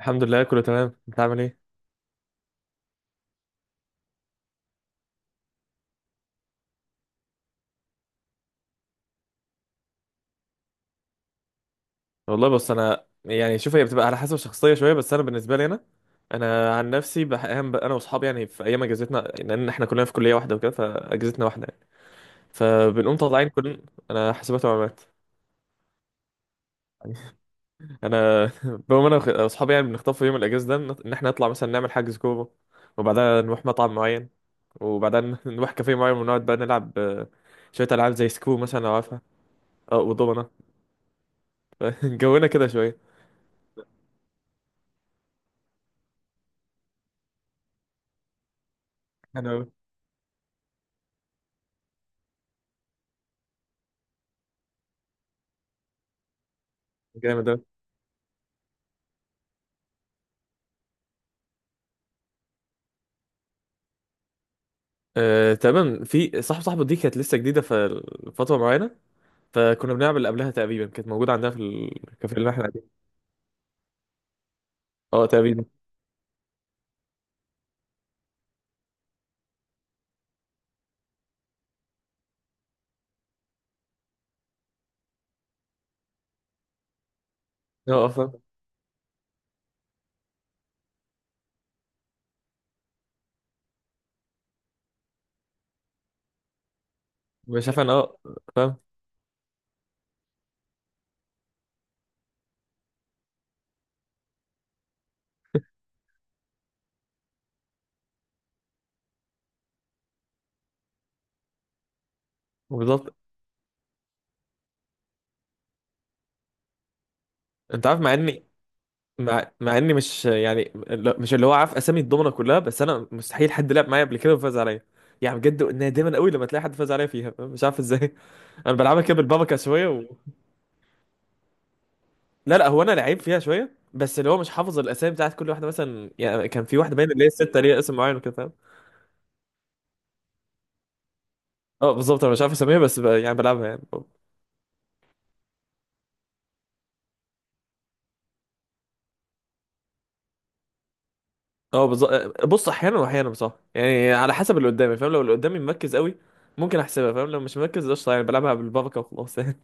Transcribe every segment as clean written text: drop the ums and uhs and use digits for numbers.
الحمد لله كله تمام. انت عامل ايه؟ والله بص، انا يعني شوف، هي بتبقى على حسب الشخصيه شويه. بس انا بالنسبه لي انا عن نفسي اهم، انا واصحابي يعني في ايام اجازتنا، لان احنا كلنا في كليه واحده وكده، فاجازتنا واحده يعني. فبنقوم طالعين كل... انا حاسبات ومعلومات. انا بقوم انا واصحابي، يعني بنختار في يوم الاجازه ده ان احنا نطلع مثلا نعمل حجز كوره، وبعدها نروح مطعم معين، وبعدين نروح كافيه معين ونقعد بقى نلعب، شويه العاب زي سكرو مثلا لو عارفها. اه ودومنا، جونا كده شويه. انا جامد. تمام، في صاحب صاحبه دي كانت لسه جديده ففتره معينه. فكنا بنعمل قبلها تقريبا، كانت موجوده عندنا في الكافيه اللي احنا قاعدين. اه تقريبا. اه اه فاهم. مش عارف انا اه. فاهم بالظبط. انت عارف، مع اني مع اني مش يعني مش اللي هو عارف اسامي الضمنه كلها، بس انا مستحيل حد لعب معايا قبل كده وفاز عليا. يعني بجد نادما قوي لما تلاقي حد فاز عليا فيها، مش عارف ازاي. انا بلعبها كده بالبركه شويه و... لا لا، هو انا لعيب فيها شويه، بس اللي هو مش حافظ الاسامي بتاعت كل واحده. مثلا يعني كان في واحده باين اللي هي السته ليها اسم معين وكده. اه بالظبط، انا مش عارف اسميها بس ب... يعني بلعبها يعني. اه بالظبط. بص احيانا واحيانا بصراحه، يعني على حسب اللي قدامي فاهم. لو اللي قدامي مركز قوي ممكن احسبها فاهم، لو مش مركز قشطه يعني بلعبها بالبركه وخلاص يعني.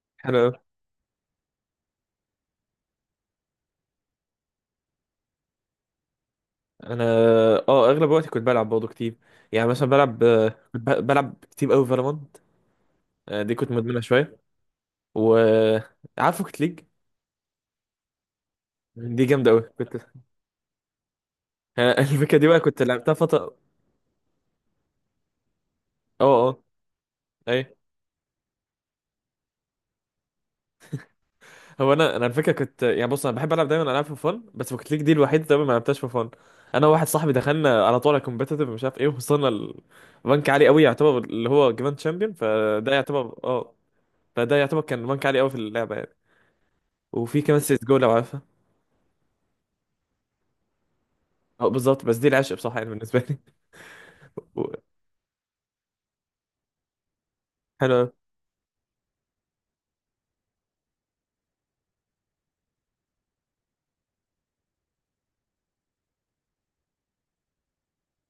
انا انا اه اغلب وقتي كنت بلعب برضه كتير. يعني مثلا بلعب، كنت بلعب كتير قوي فالورانت. دي كنت مدمنها شويه. و عارف روكيت ليج؟ دي جامده قوي كنت. الفكره دي بقى كنت لعبتها فتره. اه اه. اي. هو انا، على فكره كنت يعني، بص انا بحب العب دايما العاب في فن، بس بوكيت ليج دي الوحيده دايما ما لعبتهاش في فن. انا وواحد صاحبي دخلنا على طول على كومبيتيتيف، مش عارف ايه، وصلنا لبنك عالي قوي يعتبر، اللي هو جراند شامبيون. فده يعتبر اه، فده يعتبر كان بنك عالي قوي في اللعبه يعني. وفي كمان سيس جو لو عارفها. اه بالظبط، بس دي العشق بصراحه يعني بالنسبه لي. و- حلو أوي.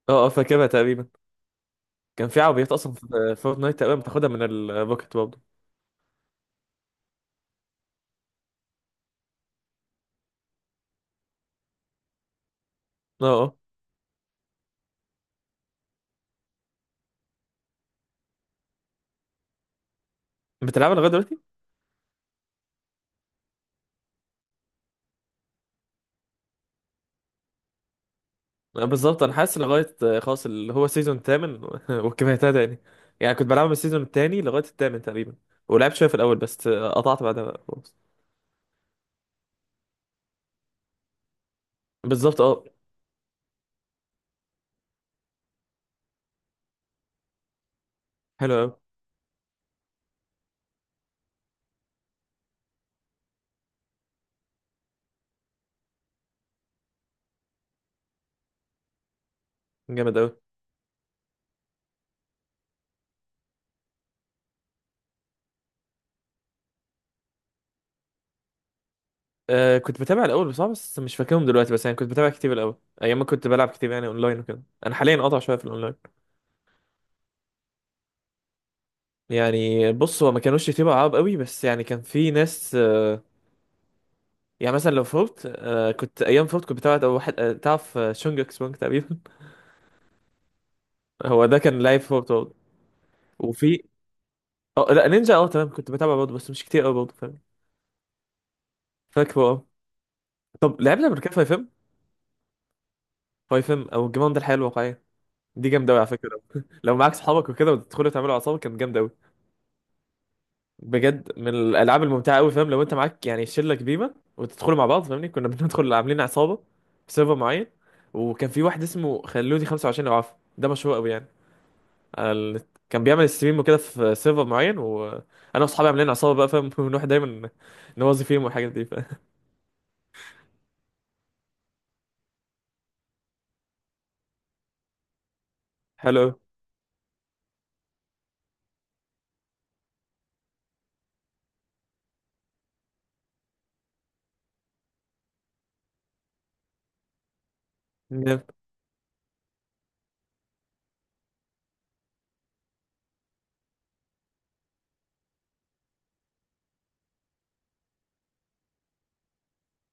اه اه فاكرها تقريبا. كان في عربيات اصلا في فورتنايت تقريبا بتاخدها من البوكيت برضه. اه اه. بتلعبها لغايه دلوقتي؟ بالظبط انا حاسس لغايه، خلاص اللي هو سيزون تامن والكفايه تاني يعني. يعني كنت بلعب من السيزون التاني لغايه التامن تقريبا، ولعبت شويه في الاول بس، قطعت بعدها بقى خلاص. بالظبط اه. حلو قوي. جامد قوي. آه كنت بتابع الاول بصراحه، بس مش فاكرهم دلوقتي. بس يعني كنت بتابع كتير الاول، ايام ما كنت بلعب كتير يعني اونلاين وكده. انا حاليا قاطع شويه في الاونلاين. يعني بص، هو ما كانوش كتير عرب قوي، بس يعني كان في ناس آه. يعني مثلا لو فورت آه، كنت ايام فورت كنت بتابع أو واحد آه، تعرف شونجك سونج تقريبا. هو ده كان لايف فورت برضه. وفي اه، لا نينجا اه تمام كنت بتابع برضه بس مش كتير قوي برضه فاهم. فاكره اه. طب لعبنا قبل كده فايف ام؟ فايف ام او الجيم ده الحياه الواقعيه، دي جامده قوي على فكره. لو معاك صحابك وكده وتدخلوا تعملوا عصابه كانت جامده قوي. بجد من الالعاب الممتعه قوي فاهم، لو انت معاك يعني شله كبيره وتدخلوا مع بعض فاهمني، كنا بندخل عاملين عصابه في سيرفر معين. وكان في واحد اسمه خلوني 25 لو عارفه ده مشهور قوي يعني على النت. كان بيعمل ستريم وكده في سيرفر معين، وانا واصحابي عاملين عصابه بقى فاهم، ونروح دايما نوظف فيهم والحاجات دي فاهم. حلو قوي.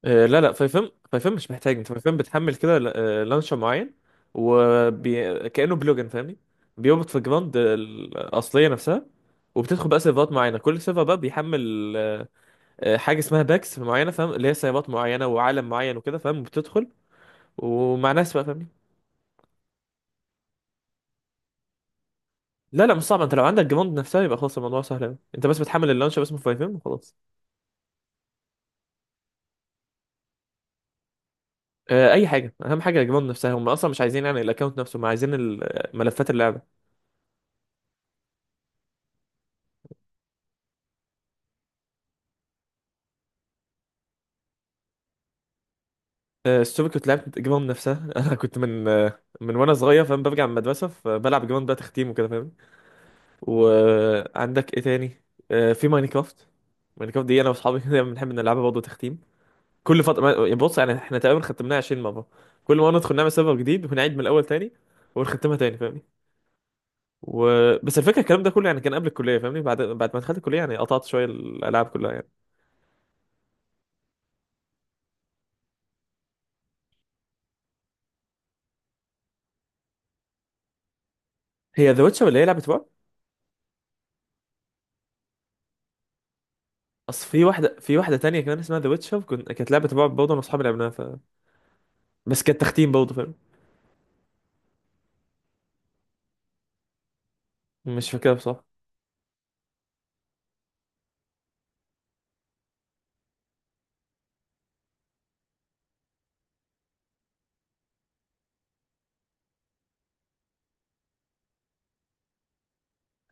لا لا فايفم، فايفم مش محتاج. انت فايفم بتحمل كده، لانشر معين، وكأنه بلوجن فاهمني، بيربط في الجراند الأصلية نفسها. وبتدخل بقى سيرفرات معينة، كل سيرفر بقى بيحمل، حاجة اسمها باكس معينة فاهم، اللي هي سيرفرات معينة وعالم معين وكده فاهم، بتدخل ومع ناس بقى فاهمني. لا لا مش صعب، انت لو عندك جراند نفسها يبقى خلاص، الموضوع سهل أوي. انت بس بتحمل اللانشر اسمه فايفم وخلاص. اي حاجة، اهم حاجة الجراند نفسها. هم اصلا مش عايزين يعني الاكونت نفسه، هم عايزين ملفات اللعبة. السوبر كنت لعبت جيمون نفسها. انا كنت من، من وانا صغير فاهم، برجع من المدرسه فبلعب جيمون بقى تختيم وكده فاهم. وعندك ايه تاني؟ في ماينكرافت. ماينكرافت دي انا واصحابي كده بنحب نلعبها برضه تختيم. كل فتره يعني بص، يعني احنا تقريبا ختمناها 20 مره، كل مره ندخل نعمل سيرفر جديد ونعيد من الاول تاني، ونختمها تاني فاهمني. و... بس الفكره الكلام ده كله يعني كان قبل الكليه فاهمني. بعد ما دخلت الكليه يعني قطعت شويه الالعاب كلها يعني. هي ذا ويتشر اللي هي لعبه رعب؟ اصل في واحده، في واحده تانية كمان اسمها ذا ويتشر كنت، كانت لعبه رعب برضه انا واصحابي لعبناها. بس كانت تختيم برضه فاهم. مش فاكرها بصراحة.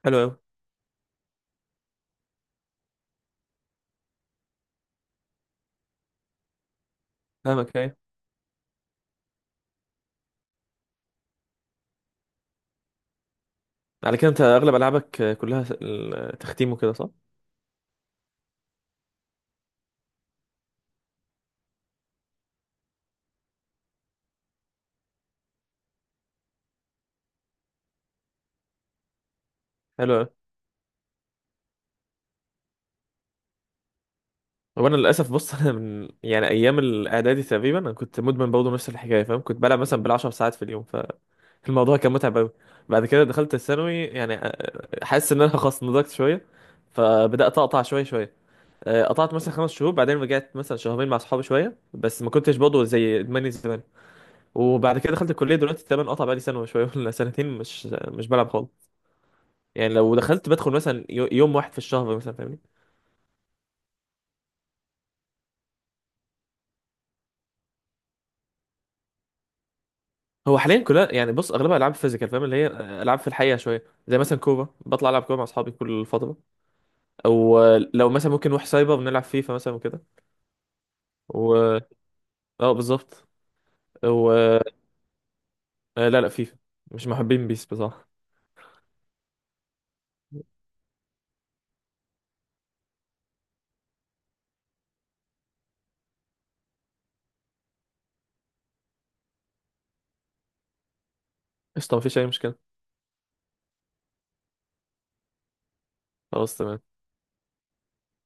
حلو أوي. فاهمك أيوة. على كده أنت أغلب ألعابك كلها تختيم وكده صح؟ حلو أوي. هو أنا للأسف بص، أنا من يعني أيام الإعدادي تقريبا أنا كنت مدمن برضه نفس الحكاية فاهم. كنت بلعب مثلا بال10 ساعات في اليوم. فالموضوع كان متعب أوي. بعد كده دخلت الثانوي يعني حاسس إن أنا خلاص نضجت شوية. فبدأت أقطع شوية شوية. أه، قطعت مثلا 5 شهور، بعدين رجعت مثلا شهرين مع أصحابي شوية، بس ما كنتش برضه زي إدماني زمان. وبعد كده دخلت الكليه دلوقتي، تقريبا قطع بقالي سنه وشويه ولا سنتين، مش بلعب خالص. يعني لو دخلت بدخل مثلا يوم واحد في الشهر مثلا فاهمني. هو حاليا كلها يعني، بص اغلبها العاب فيزيكال فاهم، اللي هي العاب في الحقيقه شويه، زي مثلا كوره بطلع العب كوره مع اصحابي كل فتره. او لو مثلا ممكن نروح سايبر بنلعب فيفا مثلا وكده. و اه بالظبط. و لا لا فيفا، مش محبين بيس بصراحه. قشطه مفيش اي مشكله. خلاص تمام.